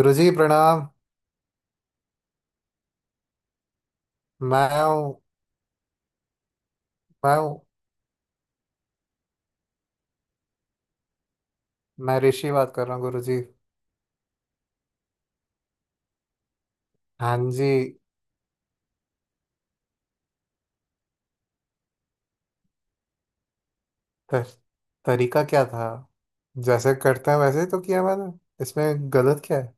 गुरुजी प्रणाम। मैं हूँ। मैं हूँ। मैं ऋषि बात कर रहा हूँ गुरुजी। हाँ जी। तर, तरीका क्या था। जैसे करते हैं वैसे ही तो किया मैंने। इसमें गलत क्या है।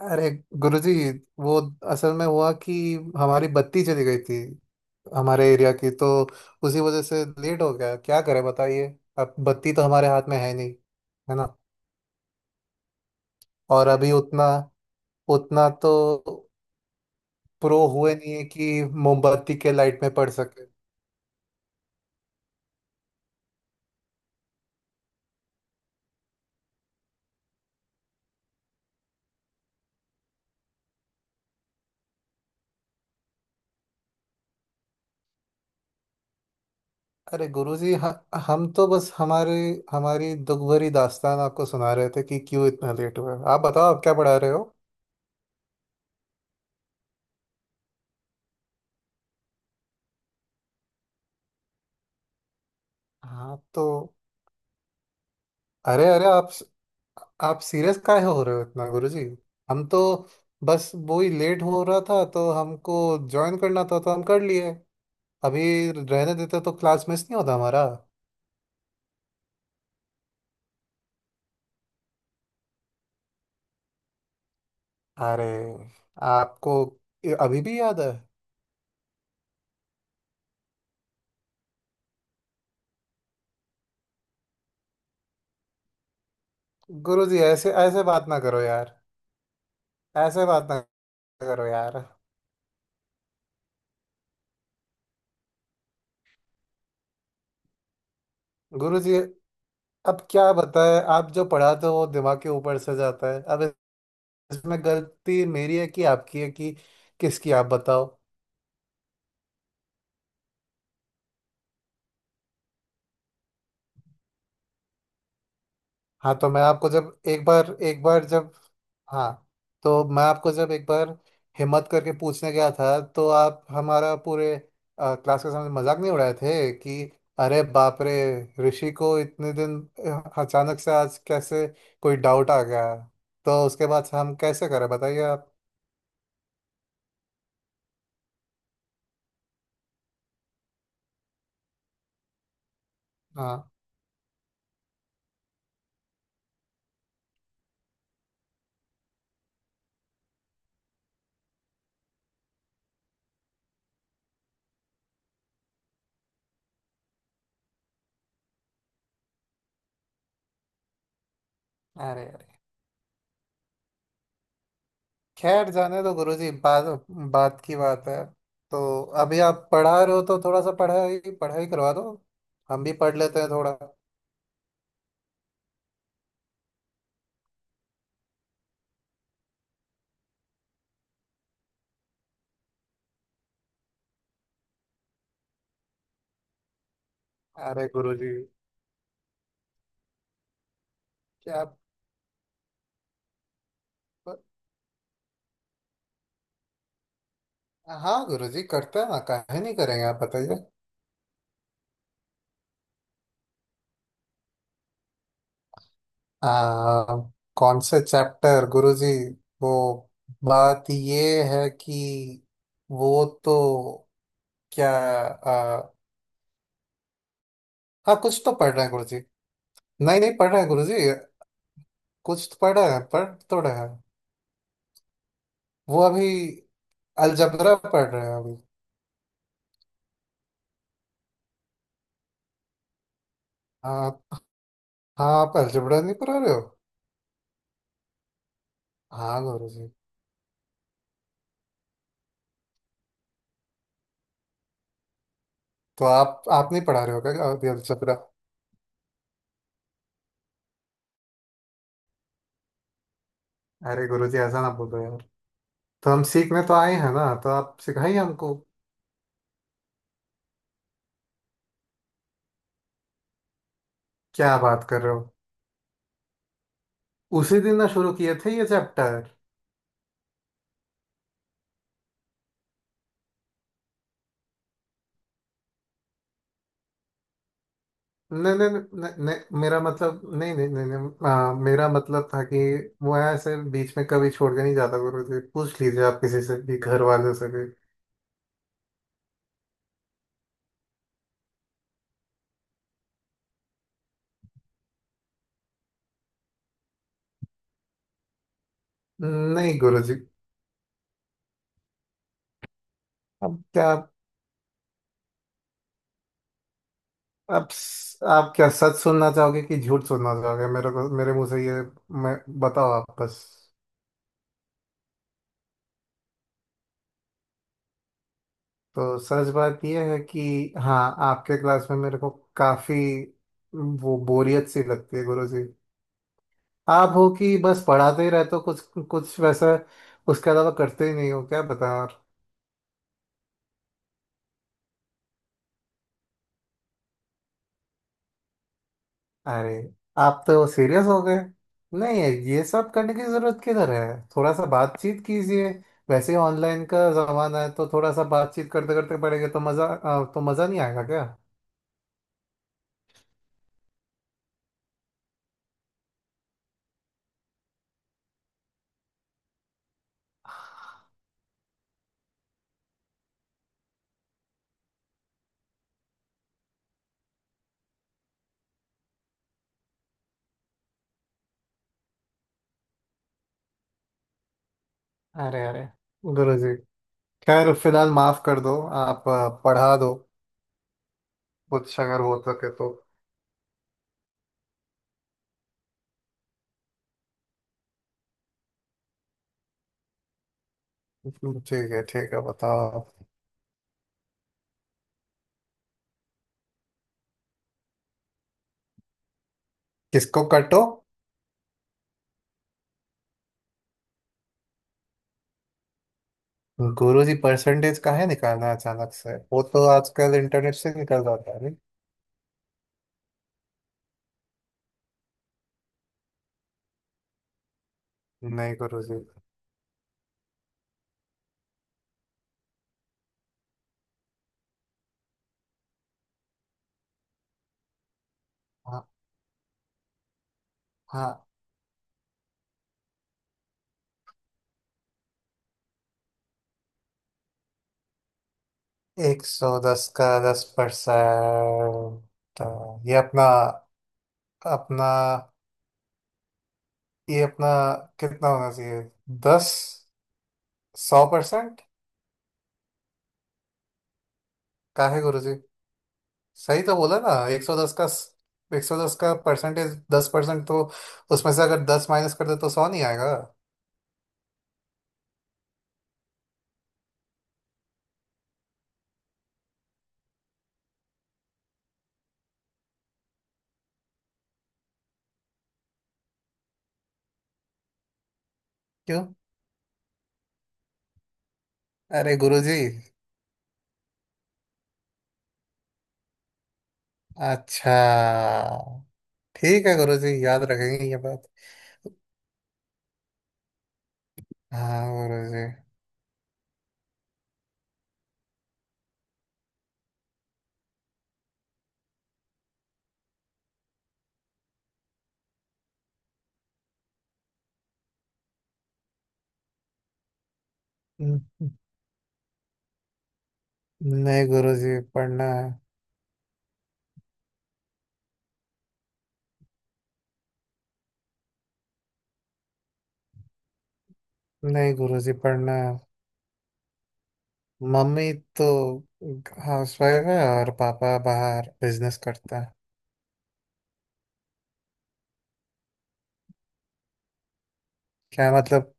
अरे गुरुजी, वो असल में हुआ कि हमारी बत्ती चली गई थी हमारे एरिया की, तो उसी वजह से लेट हो गया। क्या करें बताइए। अब बत्ती तो हमारे हाथ में है नहीं, है ना। और अभी उतना उतना तो प्रो हुए नहीं है कि मोमबत्ती के लाइट में पड़ सके। अरे गुरुजी, हम तो बस हमारे हमारी दुख भरी दास्तान आपको सुना रहे थे कि क्यों इतना लेट हुआ है। आप बताओ, आप क्या पढ़ा रहे हो। आप तो। अरे अरे आप। आप सीरियस काहे हो रहे हो इतना गुरुजी। हम तो बस वो ही लेट हो रहा था तो हमको ज्वाइन करना था तो हम कर लिए। अभी रहने देते तो क्लास मिस नहीं होता हमारा। अरे आपको ये अभी भी याद है। गुरुजी, ऐसे ऐसे बात ना करो यार। ऐसे बात ना करो यार। गुरु जी, अब क्या बताएं। आप जो पढ़ाते हो वो दिमाग के ऊपर से जाता है अब। इसमें गलती मेरी है कि आपकी है कि किसकी, आप बताओ। हाँ, तो मैं आपको जब एक बार जब। हाँ। तो मैं आपको जब एक बार हिम्मत करके पूछने गया था तो आप हमारा पूरे क्लास के सामने मजाक नहीं उड़ाए थे कि अरे बाप रे, ऋषि को इतने दिन अचानक से आज कैसे कोई डाउट आ गया। तो उसके बाद हम कैसे करें बताइए आप। हाँ। अरे अरे, खैर जाने दो गुरुजी, बात बात की बात है तो। अभी आप पढ़ा रहे हो तो थोड़ा सा पढ़ाई पढ़ाई करवा दो, हम भी पढ़ लेते हैं थोड़ा। अरे गुरुजी, क्या आप। हाँ गुरुजी, करते हैं ना, काहे नहीं करेंगे, आप बताइए। आ, कौन से चैप्टर गुरुजी। वो बात ये है कि वो तो क्या। हाँ, कुछ तो पढ़ रहे हैं गुरुजी। नहीं नहीं, पढ़ रहे हैं गुरुजी। कुछ तो पढ़ रहे हैं, पढ़ तो रहे हैं। वो अभी अलजबरा पढ़ रहे हो अभी। हाँ हाँ, आप अलजबरा नहीं पढ़ा रहे हो? हाँ गुरु जी। तो आप नहीं पढ़ा रहे हो क्या अभी अलजबरा? अरे गुरु जी, ऐसा ना बोलो यार। तो हम सीखने तो आए हैं ना, तो आप सिखाइए हमको। क्या बात कर रहे हो। उसी दिन ना शुरू किए थे ये चैप्टर। नहीं नहीं नहीं नहीं, मेरा मतलब, नहीं नहीं नहीं नहीं मेरा मतलब था कि वो ऐसे बीच में कभी छोड़ के नहीं जाता गुरु जी, पूछ लीजिए आप किसी से भी, घर वालों से भी। नहीं गुरु जी। अब क्या, आप आप क्या सच सुनना चाहोगे कि झूठ सुनना चाहोगे मेरे को, मेरे मुंह से ये मैं, बताओ आप बस। तो सच बात ये है कि, हाँ, आपके क्लास में मेरे को काफी वो बोरियत सी लगती है गुरु जी। आप हो कि बस पढ़ाते ही रहते हो, कुछ कुछ वैसा, उसके अलावा करते ही नहीं हो, क्या बताएं और। अरे आप तो सीरियस हो गए। नहीं, ये सब करने की जरूरत किधर है, थोड़ा सा बातचीत कीजिए। वैसे ही ऑनलाइन का जमाना है तो थोड़ा सा बातचीत करते करते पड़ेगा तो तो मजा नहीं आएगा क्या। अरे अरे, गुरु जी, खैर फिलहाल माफ कर दो। आप पढ़ा दो कुछ अगर हो सके तो। ठीक है ठीक है, बताओ आप। किसको कटो। गुरु जी, परसेंटेज काहे निकालना है अचानक से, वो तो आजकल इंटरनेट से निकल जाता है नहीं। नहीं गुरु जी। हाँ, 110 का 10%, तो ये अपना अपना ये अपना कितना होना चाहिए? 10 100% का है गुरु जी। सही तो बोला ना, एक सौ दस का परसेंटेज 10%, तो उसमें से अगर 10 माइनस कर दे तो 100 नहीं आएगा? क्यों? अरे गुरु जी। अच्छा ठीक है गुरु जी, याद रखेंगे ये बात। हाँ गुरु जी। नहीं गुरु जी, पढ़ना है। नहीं गुरुजी, पढ़ना है। मम्मी तो हाउसवाइफ है और पापा बाहर बिजनेस करता है। क्या मतलब?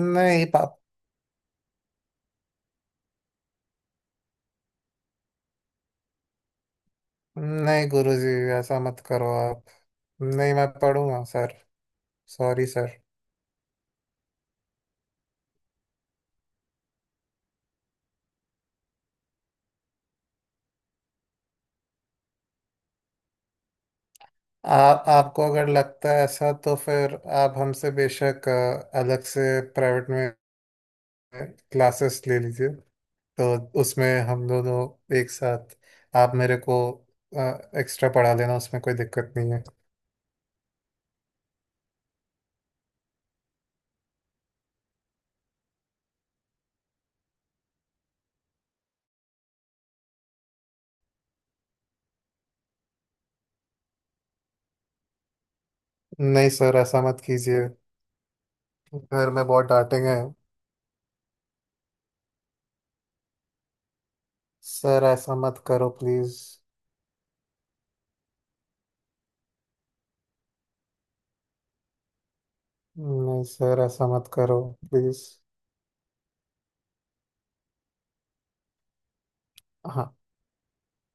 नहीं पाप नहीं गुरुजी, ऐसा मत करो आप। नहीं, मैं पढ़ूंगा सर। Sorry sir. आप आपको अगर लगता है ऐसा तो फिर आप हमसे बेशक अलग से प्राइवेट में क्लासेस ले लीजिए, तो उसमें हम दोनों एक साथ, आप मेरे को एक्स्ट्रा पढ़ा लेना, उसमें कोई दिक्कत नहीं है। नहीं सर, ऐसा मत कीजिए। घर में बहुत डांटेंगे। सर ऐसा मत करो प्लीज। नहीं सर ऐसा मत करो प्लीज।